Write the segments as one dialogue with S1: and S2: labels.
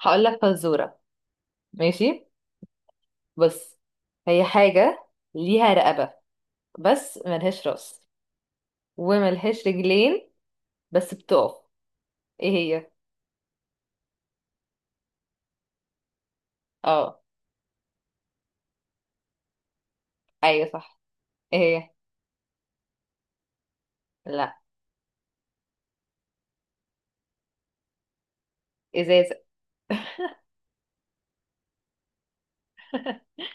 S1: هقول لك فزورة. ماشي. بص، هي حاجة ليها رقبة بس ملهاش راس وملهاش رجلين بس بتقف. ايه هي؟ اه. ايوه صح. ايه هي؟ لا. ازازة.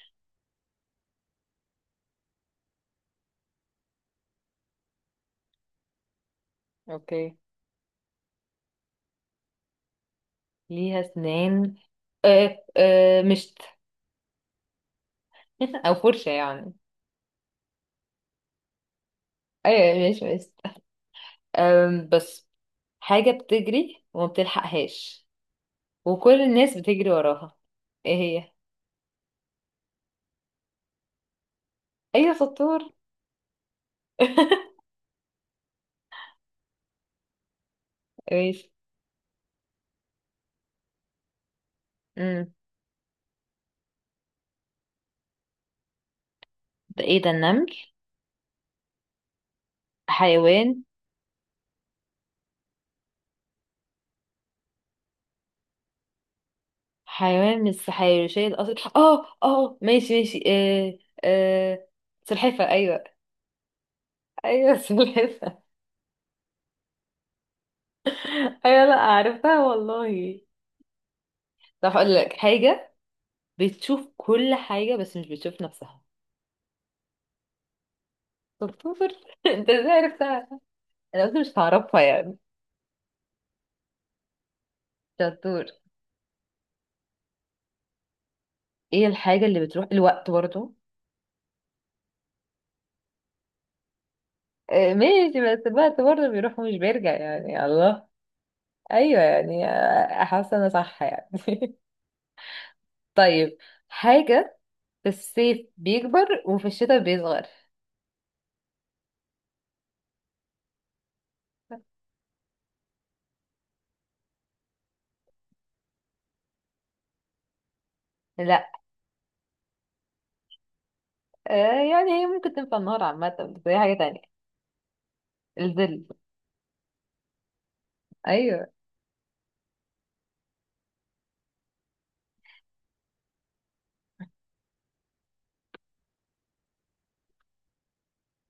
S1: اوكي. ليها اسنان. آه آه، مشت. او فرشة يعني. ايوه، مش مشت. أم بس، حاجة بتجري وما بتلحقهاش وكل الناس بتجري وراها. ايه هي؟ ايوه شطور. ماشي. ده ايه ده؟ النمل؟ حيوان. حيوان مش شايل قصر. اه اه ماشي ماشي. آه. آه. سلحفة. ايوه. ايوه سلحفة. ايوه، لا عرفتها والله. طب هقول لك حاجة. بتشوف كل حاجة بس مش بتشوف نفسها. شطور. انت ازاي عرفتها؟ انا قلت مش هعرفها يعني. شطور. ايه الحاجة اللي بتروح؟ الوقت برضه. آه ماشي، بس الوقت برضه بيروح ومش بيرجع يعني. الله. ايوه يعني آه، حاسه انا صح يعني. طيب. حاجة في الصيف بيكبر وفي الشتاء بيصغر. لا. آه يعني هي ممكن تنفع النهار عامة، بس هي حاجة تانية. الظل. ايوه.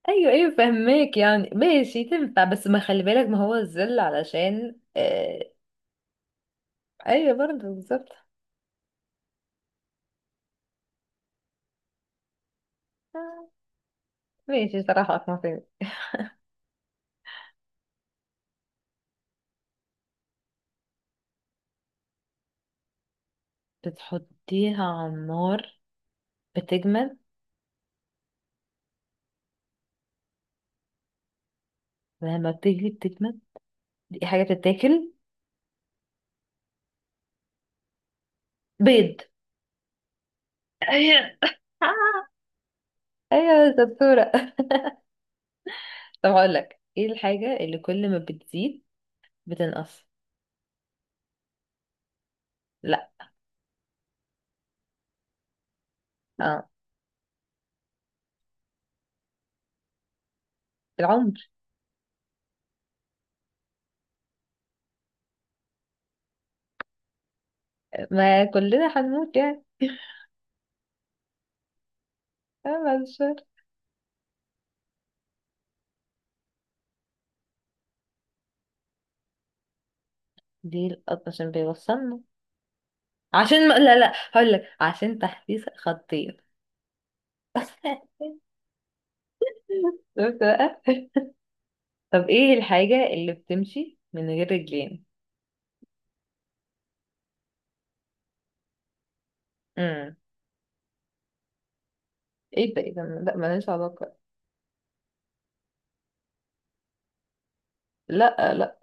S1: ايوه ايوه فهماك يعني، ماشي تنفع بس ما خلي بالك ما هو الظل علشان آه. ايوه برضه بالظبط. آه، ماشي صراحة اقنع فيها. بتحطيها على النار بتجمد. لما بتجلي بتجمد. دي حاجة بتتاكل. بيض. ايوه. آه، ايوه يا دكتورة. طب هقول لك، ايه الحاجة اللي كل ما بتزيد بتنقص؟ لا. اه. العمر. ما كلنا هنموت يعني. اه، بعد الشر. دي القط عشان بيوصلنا. عشان ما... لا لا، هقول لك عشان تحديث خطير. شفت بقى. طب ايه الحاجة اللي بتمشي من غير رجلين؟ امم. ايه ده؟ ايه ده؟ لا، ملهاش علاقة. لا لا.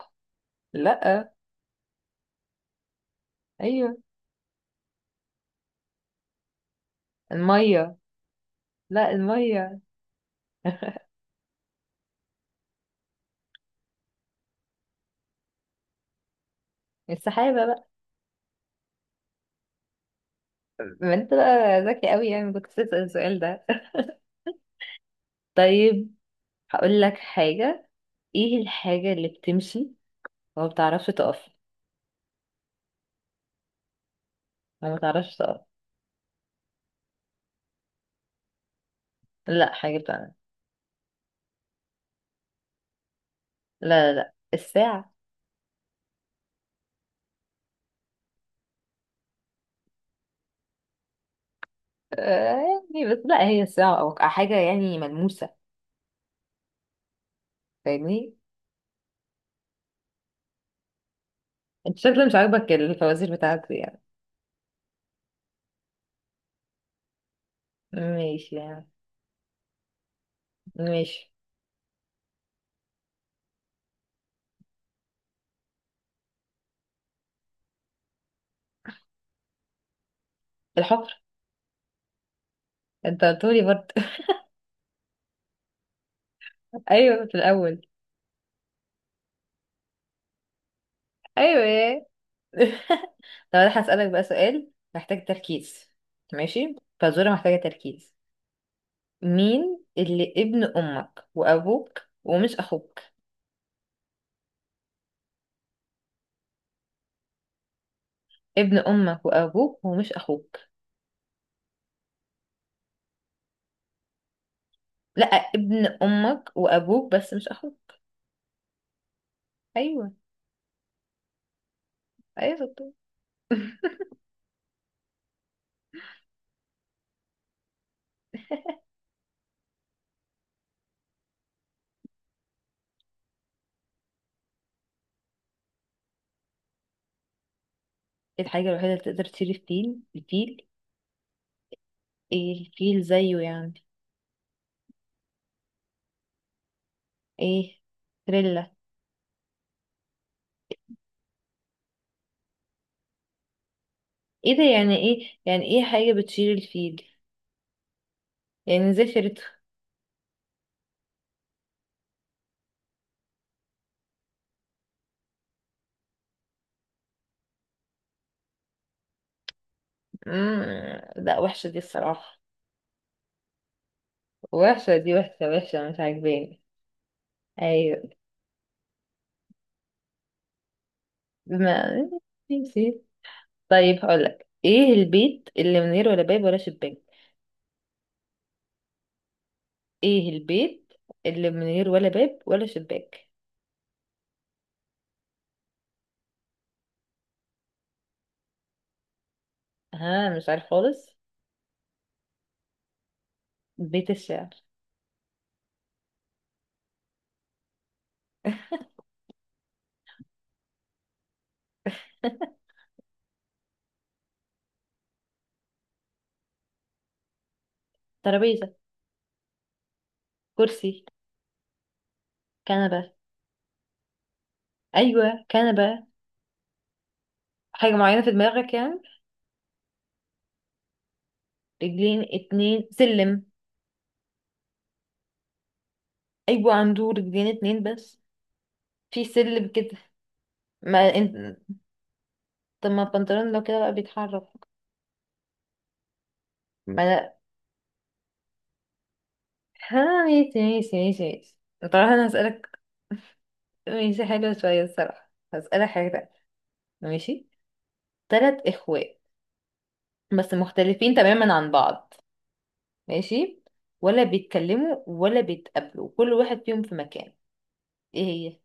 S1: لا. ايوه. المية. لا، المية. السحابة بقى. ما انت بقى ذكي قوي يعني، كنت بتسأل السؤال ده. طيب هقول لك حاجة. ايه الحاجة اللي بتمشي وما بتعرفش تقف؟ وما بتعرفش تقف. لا، حاجة بتعمل. لا لا. لا الساعة. آه، يعني بس لا، هي الساعة أو حاجة يعني ملموسة. فاهمني؟ انت شكلك مش عاجبك الفوازير بتاعتي يعني. ماشي يعني. ماشي. الحفر. انت قلتولي برضه. ايوه في الأول. ايوه. يا. طب انا هسألك بقى سؤال محتاج تركيز. ماشي، فزورة محتاجة تركيز. مين اللي ابن أمك وأبوك ومش أخوك؟ ابن امك وابوك ومش اخوك. لا، ابن امك وابوك بس مش اخوك. ايوه. ايوه شطور. الحاجه الوحيده اللي تقدر تشيل الفيل؟ الفيل؟ ايه، الفيل زيه يعني؟ ايه؟ تريلا. ايه ده؟ يعني ايه؟ يعني ايه حاجه بتشيل الفيل؟ يعني زفرت. مم، لا وحشه دي الصراحه. وحشه دي، وحشه وحشه مش عاجباني. ايوه. ما نسيت. طيب هقولك، ايه البيت اللي من غير ولا باب ولا شباك؟ ايه البيت اللي من غير ولا باب ولا شباك؟ ها مش عارف خالص. بيت الشعر. ترابيزة. كرسي. كنبة. ايوه كنبة. حاجة معينة في دماغك يعني؟ رجلين اتنين. سلم. ايوه، عنده رجلين اتنين بس. في سلم كده. ما انت. طب ما البنطلون لو كده بقى بيتحرك. ما انا. ها، ماشي ماشي ماشي ماشي. طبعا انا هسألك. ماشي، حلوة شوية الصراحة، هسألك حاجة تانية. ماشي. تلات اخوات بس مختلفين تماما عن بعض. ماشي. ولا بيتكلموا ولا بيتقابلوا، كل واحد فيهم في مكان. ايه هي؟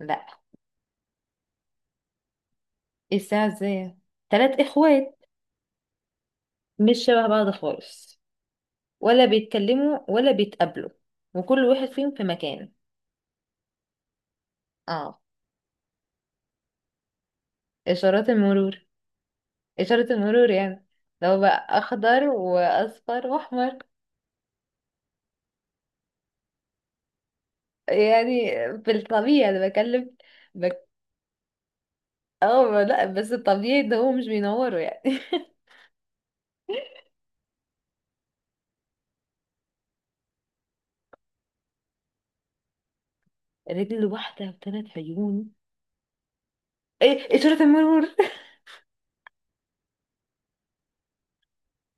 S1: لا. ايه الساعة ازاي؟ تلات اخوات مش شبه بعض خالص. ولا بيتكلموا ولا بيتقابلوا، وكل واحد فيهم في مكان. اه. اشارات المرور. اشارة المرور يعني. لو بقى اخضر واصفر واحمر يعني. في الطبيعي انا بكلم. بك... اه لا، بس الطبيعي ده هو مش بينوروا يعني. رجل واحدة وثلاث عيون؟ ايه، اشارة المرور.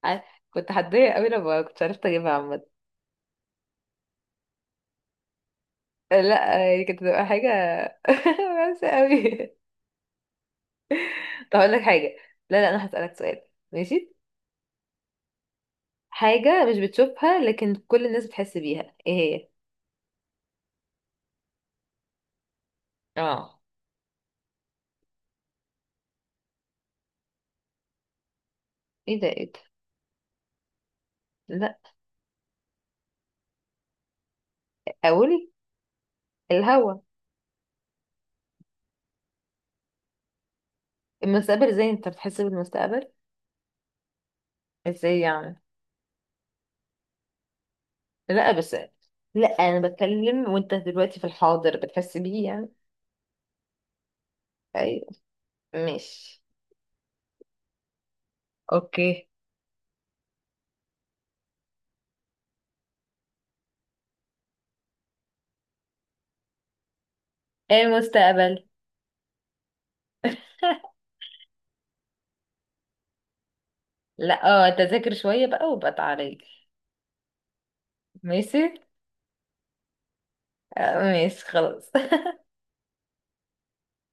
S1: ع- كنت هتضايق قوي لما كنت عرفت اجيبها عامة. آه، لا هي كانت هتبقى حاجة وحشة قوي. طب اقول لك حاجة. لا لا، انا هسألك سؤال. ماشي. حاجة مش بتشوفها لكن كل الناس بتحس بيها، ايه هي؟ اه. ايه ده؟ ايه ده؟ لا. اقول. الهوا. المستقبل؟ ازاي انت بتحس بالمستقبل؟ ازاي يعني. لا بس، لا انا بتكلم وانت دلوقتي في الحاضر بتحس بيه يعني. ايوه. ماشي. اوكي. ايه، المستقبل. لا اه، تذاكر شوية بقى وبقى تعالي. ماشي. آه، ماشي خلاص.